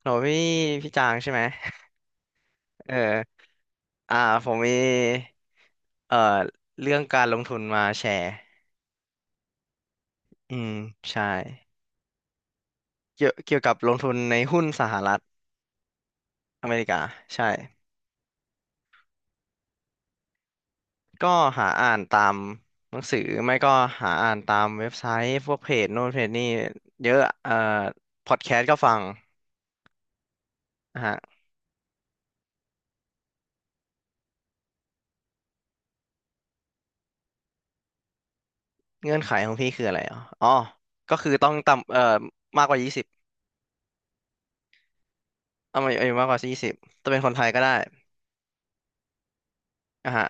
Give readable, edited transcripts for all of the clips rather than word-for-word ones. โหนูพี่พี่จางใช่ไหมเอออ่าผมมีเอ่อเรื่องการลงทุนมาแชร์อืมใช่เกี่ยวกับลงทุนในหุ้นสหรัฐอเมริกา ใช่ ก็หาอ่านตามหนังสือ ไม่ก็หาอ่านตามเว็บไซต์พวกเพจโน่นเพจนี่เยอะพอดแคสต์ก็ฟังนะฮะเงื่อนไขของพี่คืออะไรอ๋ออ๋อก็คือต้องต่ำมากกว่ายี่สิบเอาไม่เอ้ยมากกว่ายี่สิบจะเป็นคนไทยก็ได้อ่ะฮะ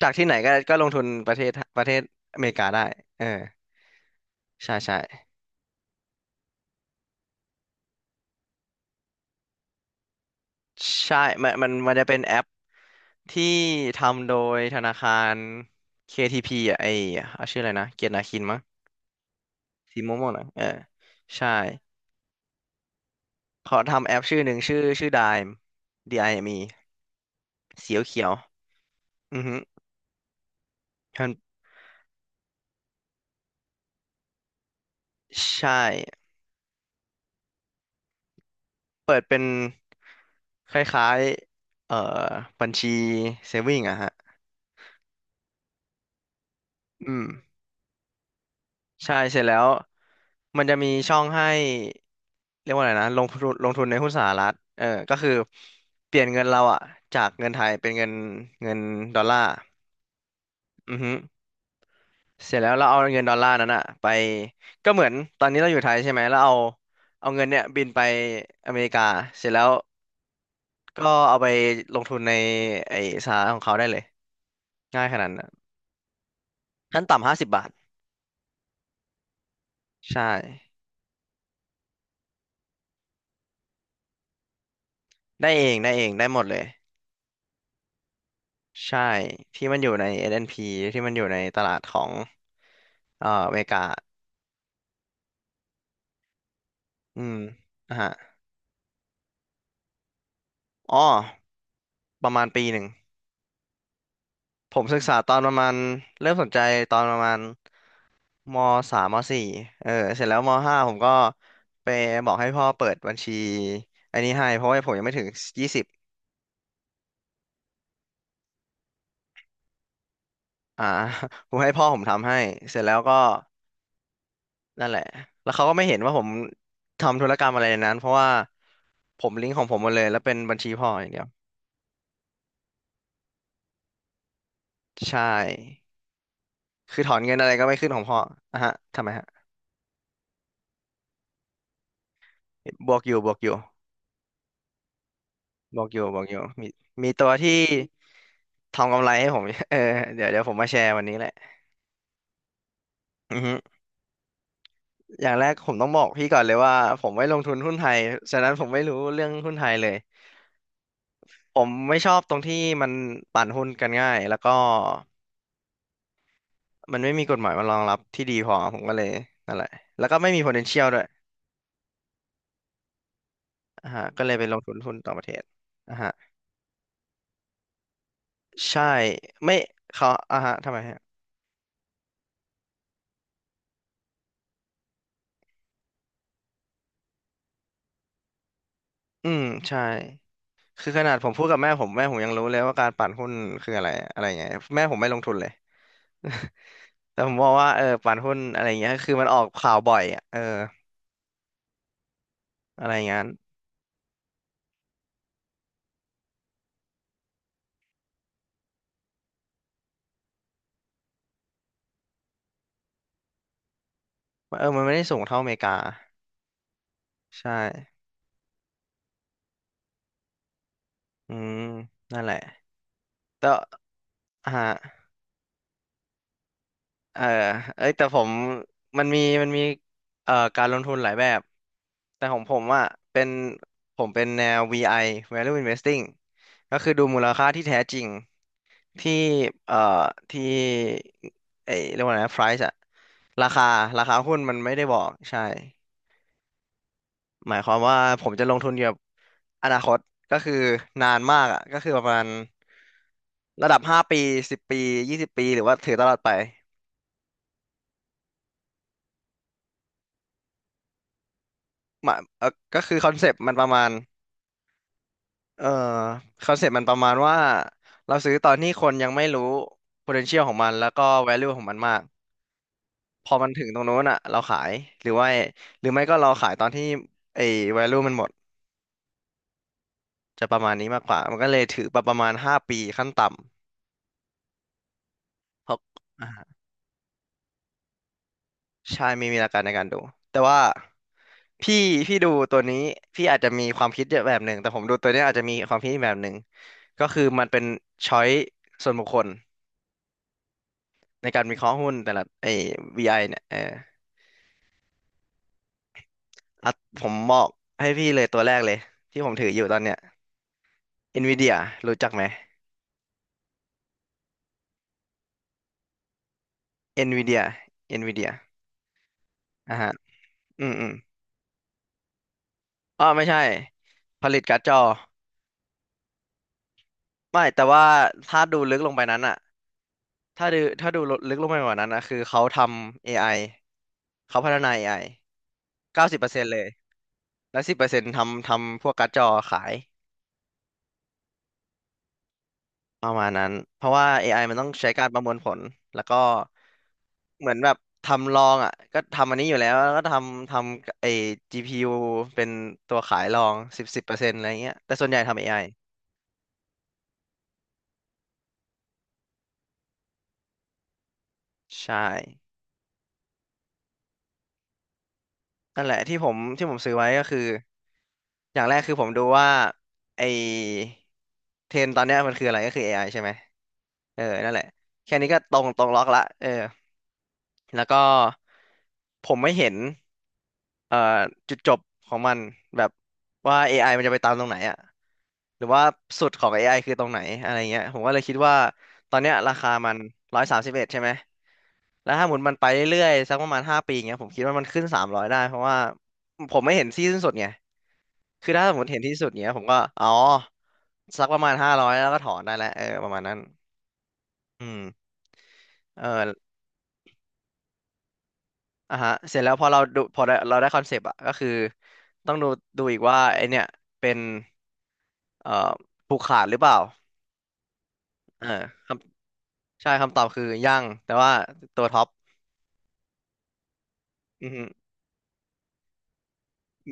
จากที่ไหนก็ลงทุนประเทศอเมริกาได้เออใช่ใช่ใช่มันจะเป็นแอปที่ทำโดยธนาคาร KTP อ่ะไอเอาชื่ออะไรนะเกียรตินาคินมั้งสีม่วงๆนะเออใช่เขาทำแอปชื่อหนึ่งชื่อ Dime D-I-M-E เอ็มอีเขียวเขียว อือฮึมันใช่ เปิดเป็นคล้ายๆบัญชีเซฟวิงอะฮะอืม ใช่เสร็จแล้วมันจะมีช่องให้เรียกว่าอะไรนะลงทุนในหุ้นสหรัฐเออก็คือเปลี่ยนเงินเราอะจากเงินไทยเป็นเงินดอลลาร์อือฮึเสร็จแล้วเราเอาเงินดอลลาร์นั้นอะไปก็เหมือนตอนนี้เราอยู่ไทยใช่ไหมแล้วเอาเงินเนี่ยบินไปอเมริกาเสร็จแล้วก็เอาไปลงทุนในไอ้สหรัฐของเขาได้เลยง่ายขนาดนั้นขั้นต่ำ50 บาทใช่ได้เองได้เองได้หมดเลย ใช่ที่มันอยู่ใน S&P ที่มันอยู่ในตลาดของอเมริกาอืมนะฮะอ๋อประมาณปีหนึ่งผมศึกษาตอนประมาณเริ่มสนใจตอนประมาณมสามมสี่เออเสร็จแล้วมห้าผมก็ไปบอกให้พ่อเปิดบัญชีอันนี้ให้เพราะว่าผมยังไม่ถึงยี่สิบอ่า ผมให้พ่อผมทำให้เสร็จแล้วก็นั่นแหละแล้วเขาก็ไม่เห็นว่าผมทำธุรกรรมอะไรในนั้นเพราะว่าผมลิงก์ของผมหมดเลยแล้วเป็นบัญชีพ่ออย่างเดียวใช่ คือถอนเงินอะไรก็ไม่ขึ้นของพ่ออ่ะฮะทำไมฮะบวกอยู่บวกอยู่บวกอยู่บวกอยู่มีมีตัวที่ทำกำไรให้ผม เออเดี๋ยวเดี๋ยวผมมาแชร์วันนี้แหละอือฮึอย่างแรกผมต้องบอกพี่ก่อนเลยว่าผมไม่ลงทุนหุ้นไทยฉะนั้นผมไม่รู้เรื่องหุ้นไทยเลยผมไม่ชอบตรงที่มันปั่นหุ้นกันง่ายแล้วก็มันไม่มีกฎหมายมารองรับที่ดีพอผมก็เลยนั่นแหละแล้วก็ไม่มี potential ด้วยอ่าฮะก็เลยไปลงทุนหุ้นต่างประเทศอ่าฮะใช่ไม่เขาอ่าฮะทำไมฮะ อืมใช่คือขนาดผมพูดกับแม่ผมแม่ผมยังรู้เลยว่าการปั่นหุ้นคืออะไรอะไรเงี้ยแม่ผมไม่ลงทุนเลย แต่ผมบอกว่าเออปั่นหุ้นอะไรเงี้ยคือมันออกข่าวบ่อยอ่ะเอออะไรเงี้ยเออมันไม่ได้สูงเท่าอเมริกาใช่อืมนั่นแหละแต่อ่า เออเอ้ยแต่ผมมันมีการลงทุนหลายแบบแต่ของผมอ่ะเป็นผมเป็นแนว VI Value Investing ก็คือดูมูลค่าที่แท้จริงที่เอ่อที่เอ้ยเรียกว่าไงนะ price อะราคาราคาหุ้นมันไม่ได้บอกใช่หมายความว่าผมจะลงทุนเกี่ยวกับอนาคตก็คือนานมากอ่ะก็คือประมาณระดับห้าปีสิบปี20 ปีหรือว่าถือตลอดไป มาเออก็คือคอนเซปต์มันประมาณเอ่อคอนเซปต์มันประมาณว่าเราซื้อตอนที่คนยังไม่รู้ potential ของมันแล้วก็ value ของมันมากพอมันถึงตรงนู้นอ่ะเราขายหรือว่าหรือไม่ก็เราขายตอนที่ไอ้ value มันหมดจะประมาณนี้มากกว่ามันก็เลยถือไปประมาณห้าปีขั้นต่ำเพราะอ่าใช่ไมีมีหลักการในการดูแต่ว่าพี่พี่ดูตัวนี้พี่อาจจะมีความคิดแบบหนึ่งแต่ผมดูตัวเนี้ยอาจจะมีความคิดอีกแบบหนึ่งก็คือมันเป็นช้อยส่วนบุคคล ในการวิเคราะห์หุ้นแต่ละไอ้ VI เนี่ยเอออ่ะผมบอกให้พี่เลยตัวแรกเลยที่ผมถืออยู่ตอนเนี้ย NVIDIA รู้จักไหม NVIDIA NVIDIA อ่าฮะอืมอืมอ๋อไม่ใช่ผลิตการ์ดจอไม่แต่ว่าถ้าดูลึกลงไปนั้นอะถ้าดูลึกลงไปกว่านั้นอะคือเขาทำ AI เขาพัฒนา AI 90%เลยและ10%ทำพวกการ์ดจอขาย ประมาณนั้น เพราะว่า AI มันต้องใช้การประมวลผล แล้วก็เหมือนแบบทำลองอ่ะก็ทำอันนี้อยู่แล้วแล้วก็ทำไอ้ GPU เป็นตัวขายลองสิบเปอร์เซ็นต์อะไรเงี้ยแต่ส่วนใหญ่ทำ AI ใช่ นั่นแหละที่ผมซื้อไว้ก็คืออย่างแรกคือผมดูว่าไอเทรนด์ตอนเนี้ยมันคืออะไรก็คือ AI ใช่ไหมเออนั่นแหละแค่นี้ก็ตรงล็อกละเออแล้วก็ผมไม่เห็นเอ่อจุดจบของมันแบบว่า AI มันจะไปตามตรงไหนอะหรือว่าสุดของ AI คือตรงไหนอะไรเงี้ยผมก็เลยคิดว่าตอนเนี้ยราคามัน131ใช่ไหม แล้วถ้าหมุนมันไปเรื่อยๆสักประมาณ5 ปีเงี้ยผมคิดว่ามันขึ้น300ได้เพราะว่าผมไม่เห็นที่สิ้นสุดไงคือถ้าสมมติเห็นที่สุดเงี้ยผมก็อ๋อสักประมาณ500แล้วก็ถอนได้แล้วเออประมาณนั้นอืมเอออ่ะฮะเสร็จแล้วพอเราดูพอได้เราได้คอนเซปต์อะก็คือต้องดูดูอีกว่าไอเนี่ยเป็นเอ่อผูกขาดหรือเปล่าเออคำใช่คำตอบคือยังแต่ว่าตัวท็อปอือฮึ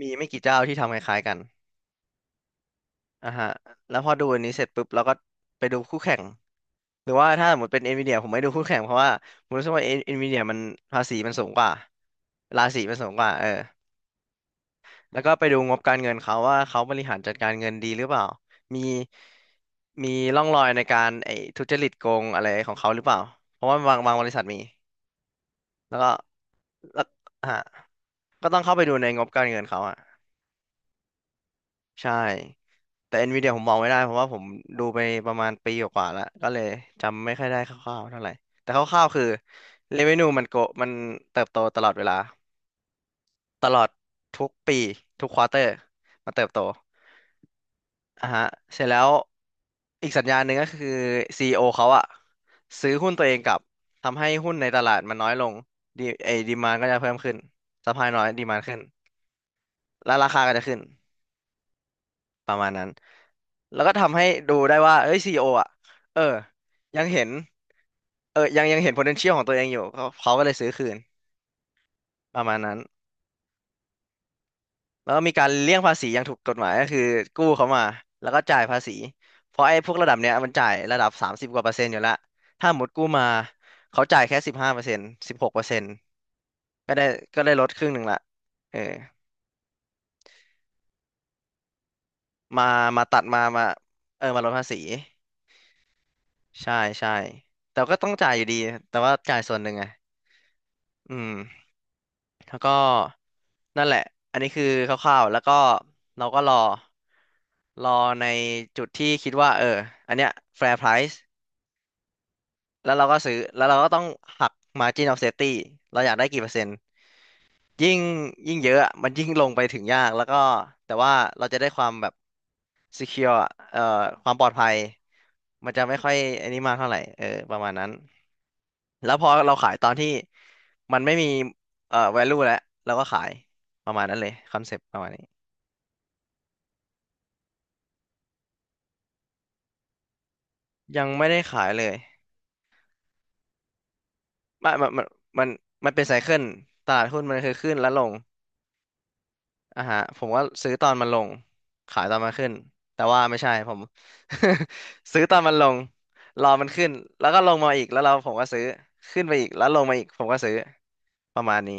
มีไม่กี่เจ้าที่ทำคล้ายๆกัน อ่ะฮะแล้วพอดูอันนี้เสร็จปุ๊บเราก็ไปดูคู่แข่งหรือว่าถ้าสมมติเป็นเอ็นวีเดียผมไม่ดูคู่แข่งเพราะว่าผมรู้สึกว่าเอ็นวีเดียมันภาษีมันสูงกว่าราษีมันสูงกว่าเออแล้วก็ไปดูงบการเงินเขาว่าเขาบริหารจัดการเงินดีหรือเปล่ามีมีร่องรอยในการไอ้ทุจริตโกงอะไรของเขาหรือเปล่าเพราะว่าบางบริษัทมีแล้วก็แล้วฮะก็ต้องเข้าไปดูในงบการเงินเขาอ่ะใช่ แต่ Nvidia ผมมองไม่ได้เพราะว่าผมดูไปประมาณปีกว่าๆแล้วก็เลยจำไม่ค่อยได้คร่าวๆเท่าไหร่แต่คร่าวๆคือ revenue มันเติบโตตลอดเวลาตลอดทุกปีทุกควอเตอร์มันเติบโตอ่ะฮะเสร็จแล้วอีกสัญญาณหนึ่งก็คือ CEO เขาอะซื้อหุ้นตัวเองกลับทำให้หุ้นในตลาดมันน้อยลงดีไอ้ดีมานก็จะเพิ่มขึ้นสปายน้อยดีมานขึ้นแล้วราคาก็จะขึ้นประมาณนั้น แล้วก็ทำให้ดูได้ว่าเอ้ยซีอีโออ่ะเออยังเห็นเอยังเห็น potential ของตัวเองอยู่เขาก็เลยซื้อคืนประมาณนั้นแล้วก็มีการเลี่ยงภาษีอย่างถูกกฎหมายก็คือกู้เขามาแล้วก็จ่ายภาษีเพราะไอ้พวกระดับเนี้ยมันจ่ายระดับ30 กว่า%อยู่แล้วถ้าหมดกู้มาเขาจ่ายแค่15%16%ก็ได้ก็ได้ลดครึ่งหนึ่งละเออมามามาเออมาลดภาษีใช่ใช่แต่ก็ต้องจ่ายอยู่ดีแต่ว่าจ่ายส่วนหนึ่งไงอืม แล้วก็นั่นแหละ อันนี้คือคร่าวๆแล้วก็เราก็รอในจุดที่คิดว่าเอออันเนี้ย fair price แล้วเราก็ซื้อแล้วเราก็ต้องหัก margin of safety เราอยากได้กี่เปอร์เซ็นต์ ยิ่งยิ่งเยอะอะมันยิ่งลงไปถึงยาก แล้วก็แต่ว่าเราจะได้ความแบบ secure อเอ่อความปลอดภัยมันจะไม่ค่อยอันนี้มากเท่าไหร่เออประมาณนั้นแล้วพอเราขายตอนที่มันไม่มีvalue แล้วเราก็ขายประมาณนั้นเลยคอนเซปต์ประมาณนี้ยังไม่ได้ขายเลยมันมันมันมันมันเป็นไซเคิลตลาดหุ้นมันคือขึ้นและลงอ่ะฮะผมก็ซื้อตอนมันลงขายตอนมันขึ้นแต่ว่าไม่ใช่ผม ซื้อตอนมันลงรอมันขึ้นแล้วก็ลงมาอีกแล้วเราผมก็ซื้อขึ้นไปอีกแล้วลงมาอีกผมก็ซื้อ ประมาณนี้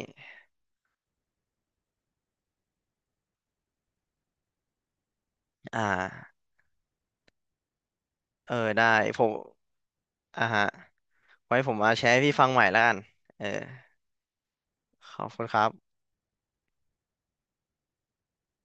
อ่าเออได้ผมอ่าฮะไว้ผมมาแชร์ให้พี่ฟังใหม่แล้วกันเออขอบคุณครับ